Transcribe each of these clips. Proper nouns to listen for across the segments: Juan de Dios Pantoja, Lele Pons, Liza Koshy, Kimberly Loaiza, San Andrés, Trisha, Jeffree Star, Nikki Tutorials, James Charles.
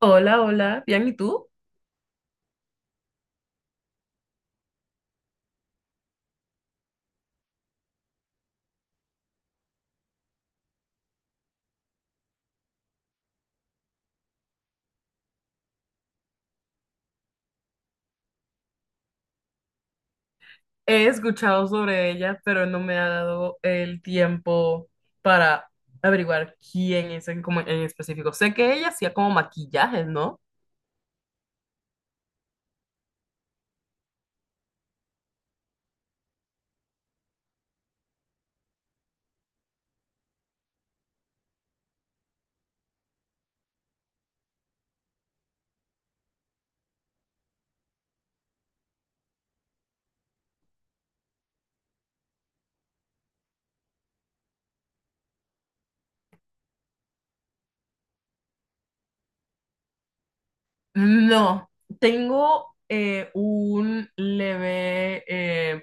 Hola, hola, bien, ¿y tú? He escuchado sobre ella, pero no me ha dado el tiempo para averiguar quién es como en específico. Sé que ella hacía como maquillajes, ¿no? No, tengo un leve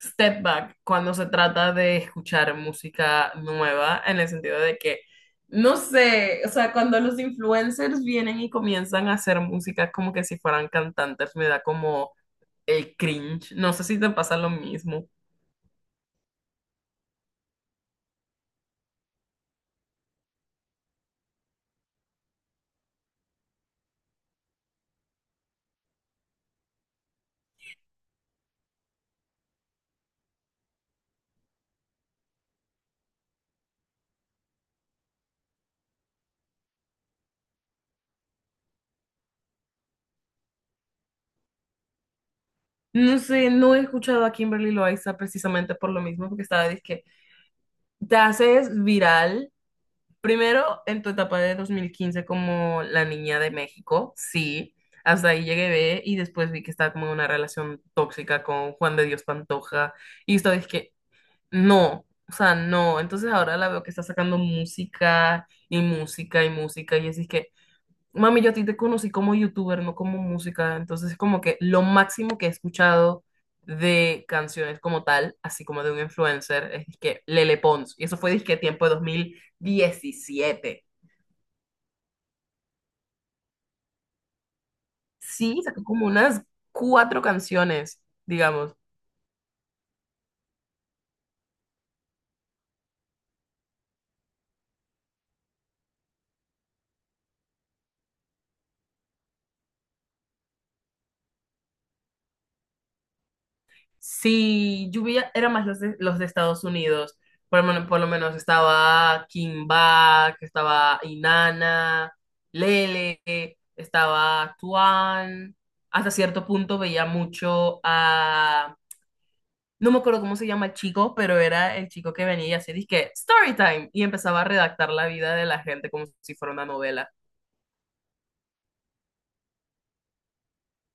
step back cuando se trata de escuchar música nueva, en el sentido de que, no sé, o sea, cuando los influencers vienen y comienzan a hacer música como que si fueran cantantes, me da como el cringe. No sé si te pasa lo mismo. No sé, no he escuchado a Kimberly Loaiza precisamente por lo mismo, porque estaba que te haces viral primero en tu etapa de 2015 como la niña de México, sí. Hasta ahí llegué ve, y después vi que estaba como en una relación tóxica con Juan de Dios Pantoja y estaba que no, o sea, no. Entonces ahora la veo que está sacando música y música y música y así es que mami, yo a ti te conocí como youtuber, no como música, entonces es como que lo máximo que he escuchado de canciones como tal, así como de un influencer, es que Lele Pons, y eso fue disque tiempo de 2017. Sí, sacó como unas cuatro canciones, digamos. Sí, lluvia era más los de Estados Unidos. Por lo menos estaba Kimba, que estaba Inanna, Lele, estaba Tuan. Hasta cierto punto veía mucho a... No me acuerdo cómo se llama el chico, pero era el chico que venía y hacía disque story time y empezaba a redactar la vida de la gente como si fuera una novela.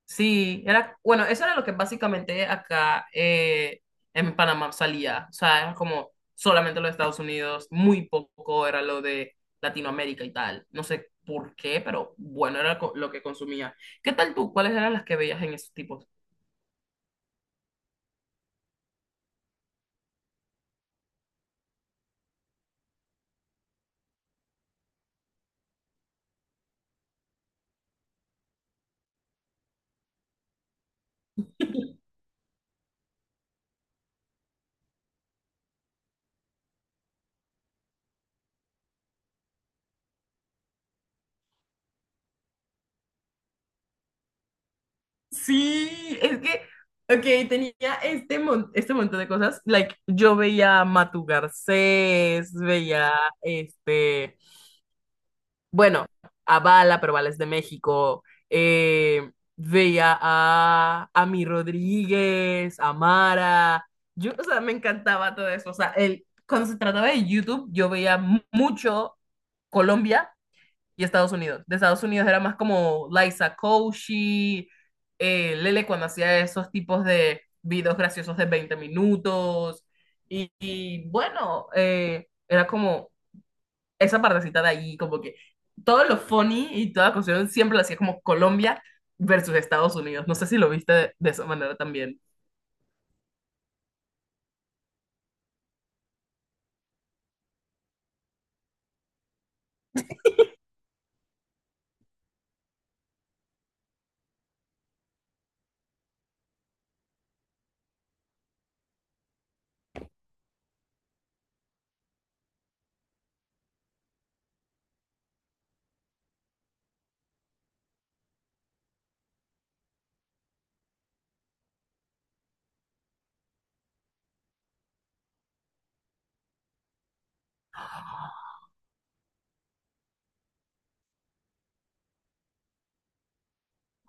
Sí, era, bueno, eso era lo que básicamente acá en Panamá salía. O sea, era como solamente los Estados Unidos, muy poco era lo de Latinoamérica y tal. No sé por qué, pero bueno, era lo que consumía. ¿Qué tal tú? ¿Cuáles eran las que veías en esos tipos? Sí, es que, ok, tenía este montón de cosas. Like, yo veía a Matu Garcés, veía este. Bueno, a Bala, pero Bala es de México. eh, veía a, Mi Rodríguez, a Mara. Yo, o sea, me encantaba todo eso. O sea, el, cuando se trataba de YouTube, yo veía mucho Colombia y Estados Unidos. De Estados Unidos era más como Liza Koshy, Lele cuando hacía esos tipos de videos graciosos de 20 minutos. Y bueno, era como esa partecita de ahí, como que todo lo funny y toda la cuestión siempre lo hacía como Colombia versus Estados Unidos. No sé si lo viste de esa manera también.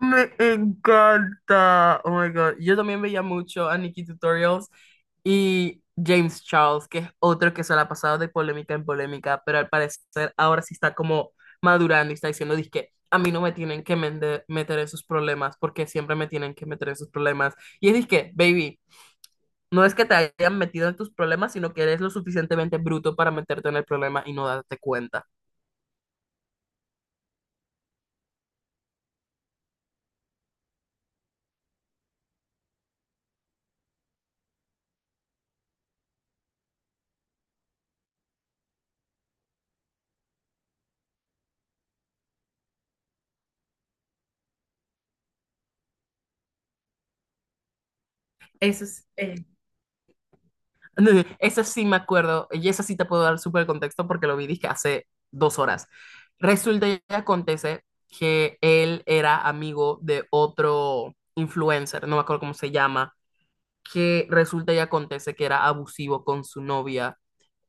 Me encanta. Oh my God. Yo también veía mucho a Nikki Tutorials y James Charles, que es otro que se la ha pasado de polémica en polémica, pero al parecer ahora sí está como madurando y está diciendo, que a mí no me tienen que meter en sus problemas porque siempre me tienen que meter en sus problemas. Y es que, baby, no es que te hayan metido en tus problemas, sino que eres lo suficientemente bruto para meterte en el problema y no darte cuenta. Eso es, eso sí me acuerdo, y eso sí te puedo dar súper contexto porque lo vi, dije, hace 2 horas. Resulta y acontece que él era amigo de otro influencer, no me acuerdo cómo se llama, que resulta y acontece que era abusivo con su novia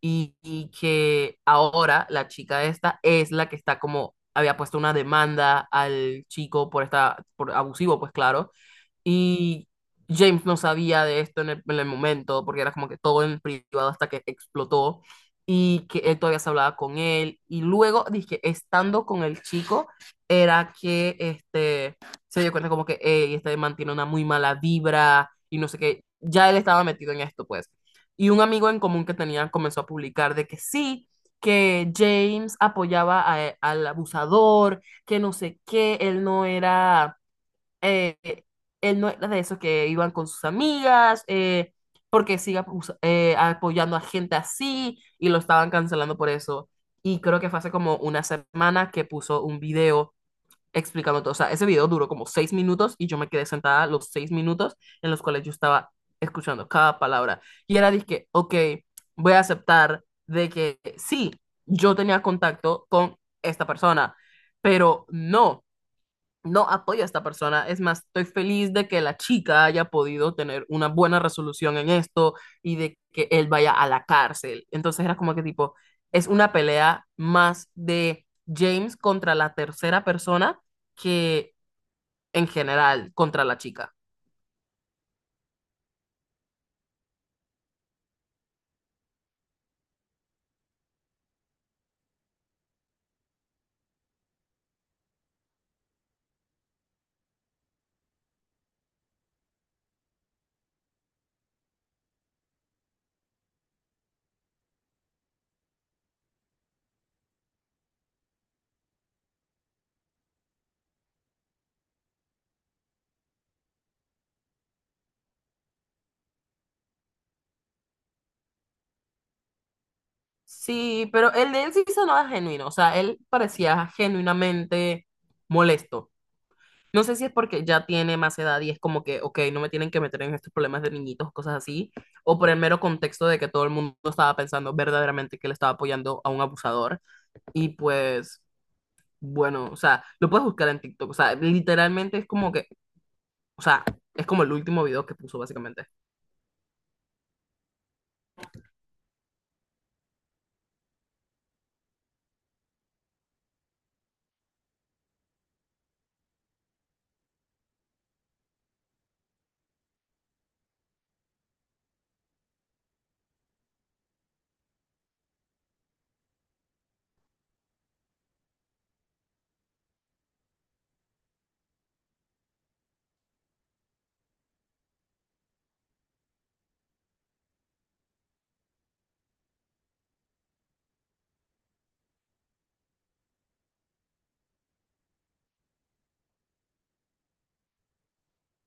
y que ahora la chica esta es la que está como, había puesto una demanda al chico por abusivo, pues claro, y James no sabía de esto en el momento, porque era como que todo en privado hasta que explotó y que él todavía se hablaba con él. Y luego, dije, estando con el chico, era que este, se dio cuenta como que "Ey, este mantiene una muy mala vibra y no sé qué". Ya él estaba metido en esto, pues. Y un amigo en común que tenían comenzó a publicar de que sí, que James apoyaba al abusador, que no sé qué, él no era eh, de esos que iban con sus amigas, porque siga apoyando a gente así y lo estaban cancelando por eso. Y creo que fue hace como una semana que puso un video explicando todo. O sea, ese video duró como 6 minutos y yo me quedé sentada los 6 minutos en los cuales yo estaba escuchando cada palabra. Y era dije, ok, voy a aceptar de que sí, yo tenía contacto con esta persona, pero no. No apoyo a esta persona. Es más, estoy feliz de que la chica haya podido tener una buena resolución en esto y de que él vaya a la cárcel. Entonces era como que tipo, es una pelea más de James contra la tercera persona que en general contra la chica. Sí, pero el de él sí sonaba genuino. O sea, él parecía genuinamente molesto. No sé si es porque ya tiene más edad y es como que, ok, no me tienen que meter en estos problemas de niñitos, cosas así, o por el mero contexto de que todo el mundo estaba pensando verdaderamente que le estaba apoyando a un abusador. Y pues, bueno, o sea, lo puedes buscar en TikTok, o sea, literalmente es como que, o sea, es como el último video que puso básicamente.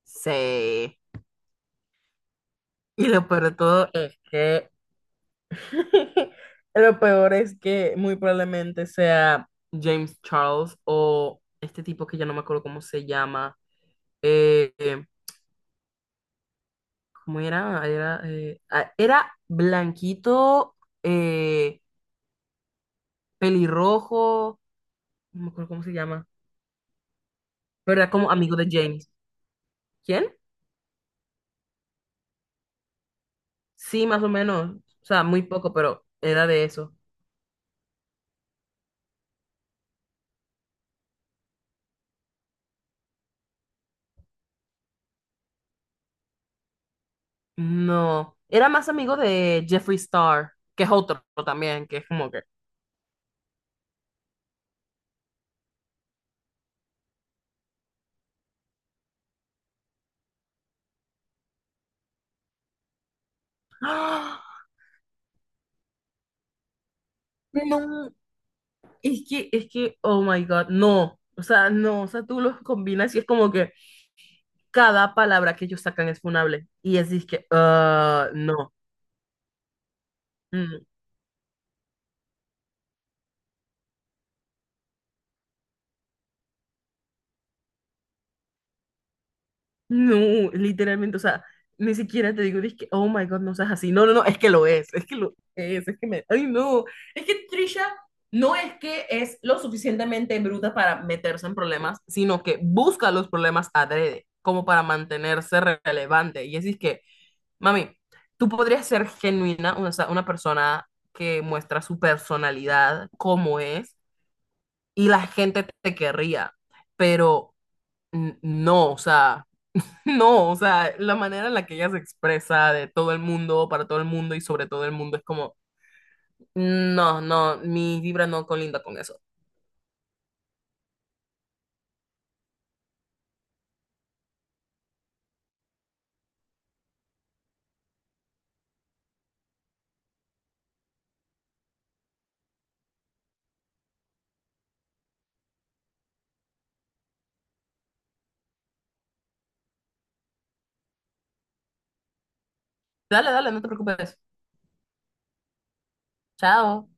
Sí. Y lo peor de todo es que, lo peor es que muy probablemente sea James Charles o este tipo que ya no me acuerdo cómo se llama. Eh, eh, ¿Cómo era? Era blanquito, eh, pelirrojo, no me acuerdo cómo se llama, pero era como amigo de James. ¿Quién? Sí, más o menos. O sea, muy poco, pero era de eso. No, era más amigo de Jeffree Star, que es otro también, que es como que... ¡Ah! No, es que, oh my God, no. O sea, no, o sea, tú los combinas y es como que cada palabra que ellos sacan es funable. Y es que, ah, no. Mm, no, literalmente, o sea, ni siquiera te digo, que oh my God, no seas así. No, no, no, es que lo es que lo es que me. Ay, no. Es que Trisha no es que es lo suficientemente bruta para meterse en problemas, sino que busca los problemas adrede, como para mantenerse relevante. Y así es que, mami, tú podrías ser genuina, o sea, una persona que muestra su personalidad como es, y la gente te querría, pero. No, o sea. No, o sea, la manera en la que ella se expresa de todo el mundo, para todo el mundo y sobre todo el mundo es como, no, no, mi vibra no colinda con eso. Dale, dale, no te preocupes. Chao.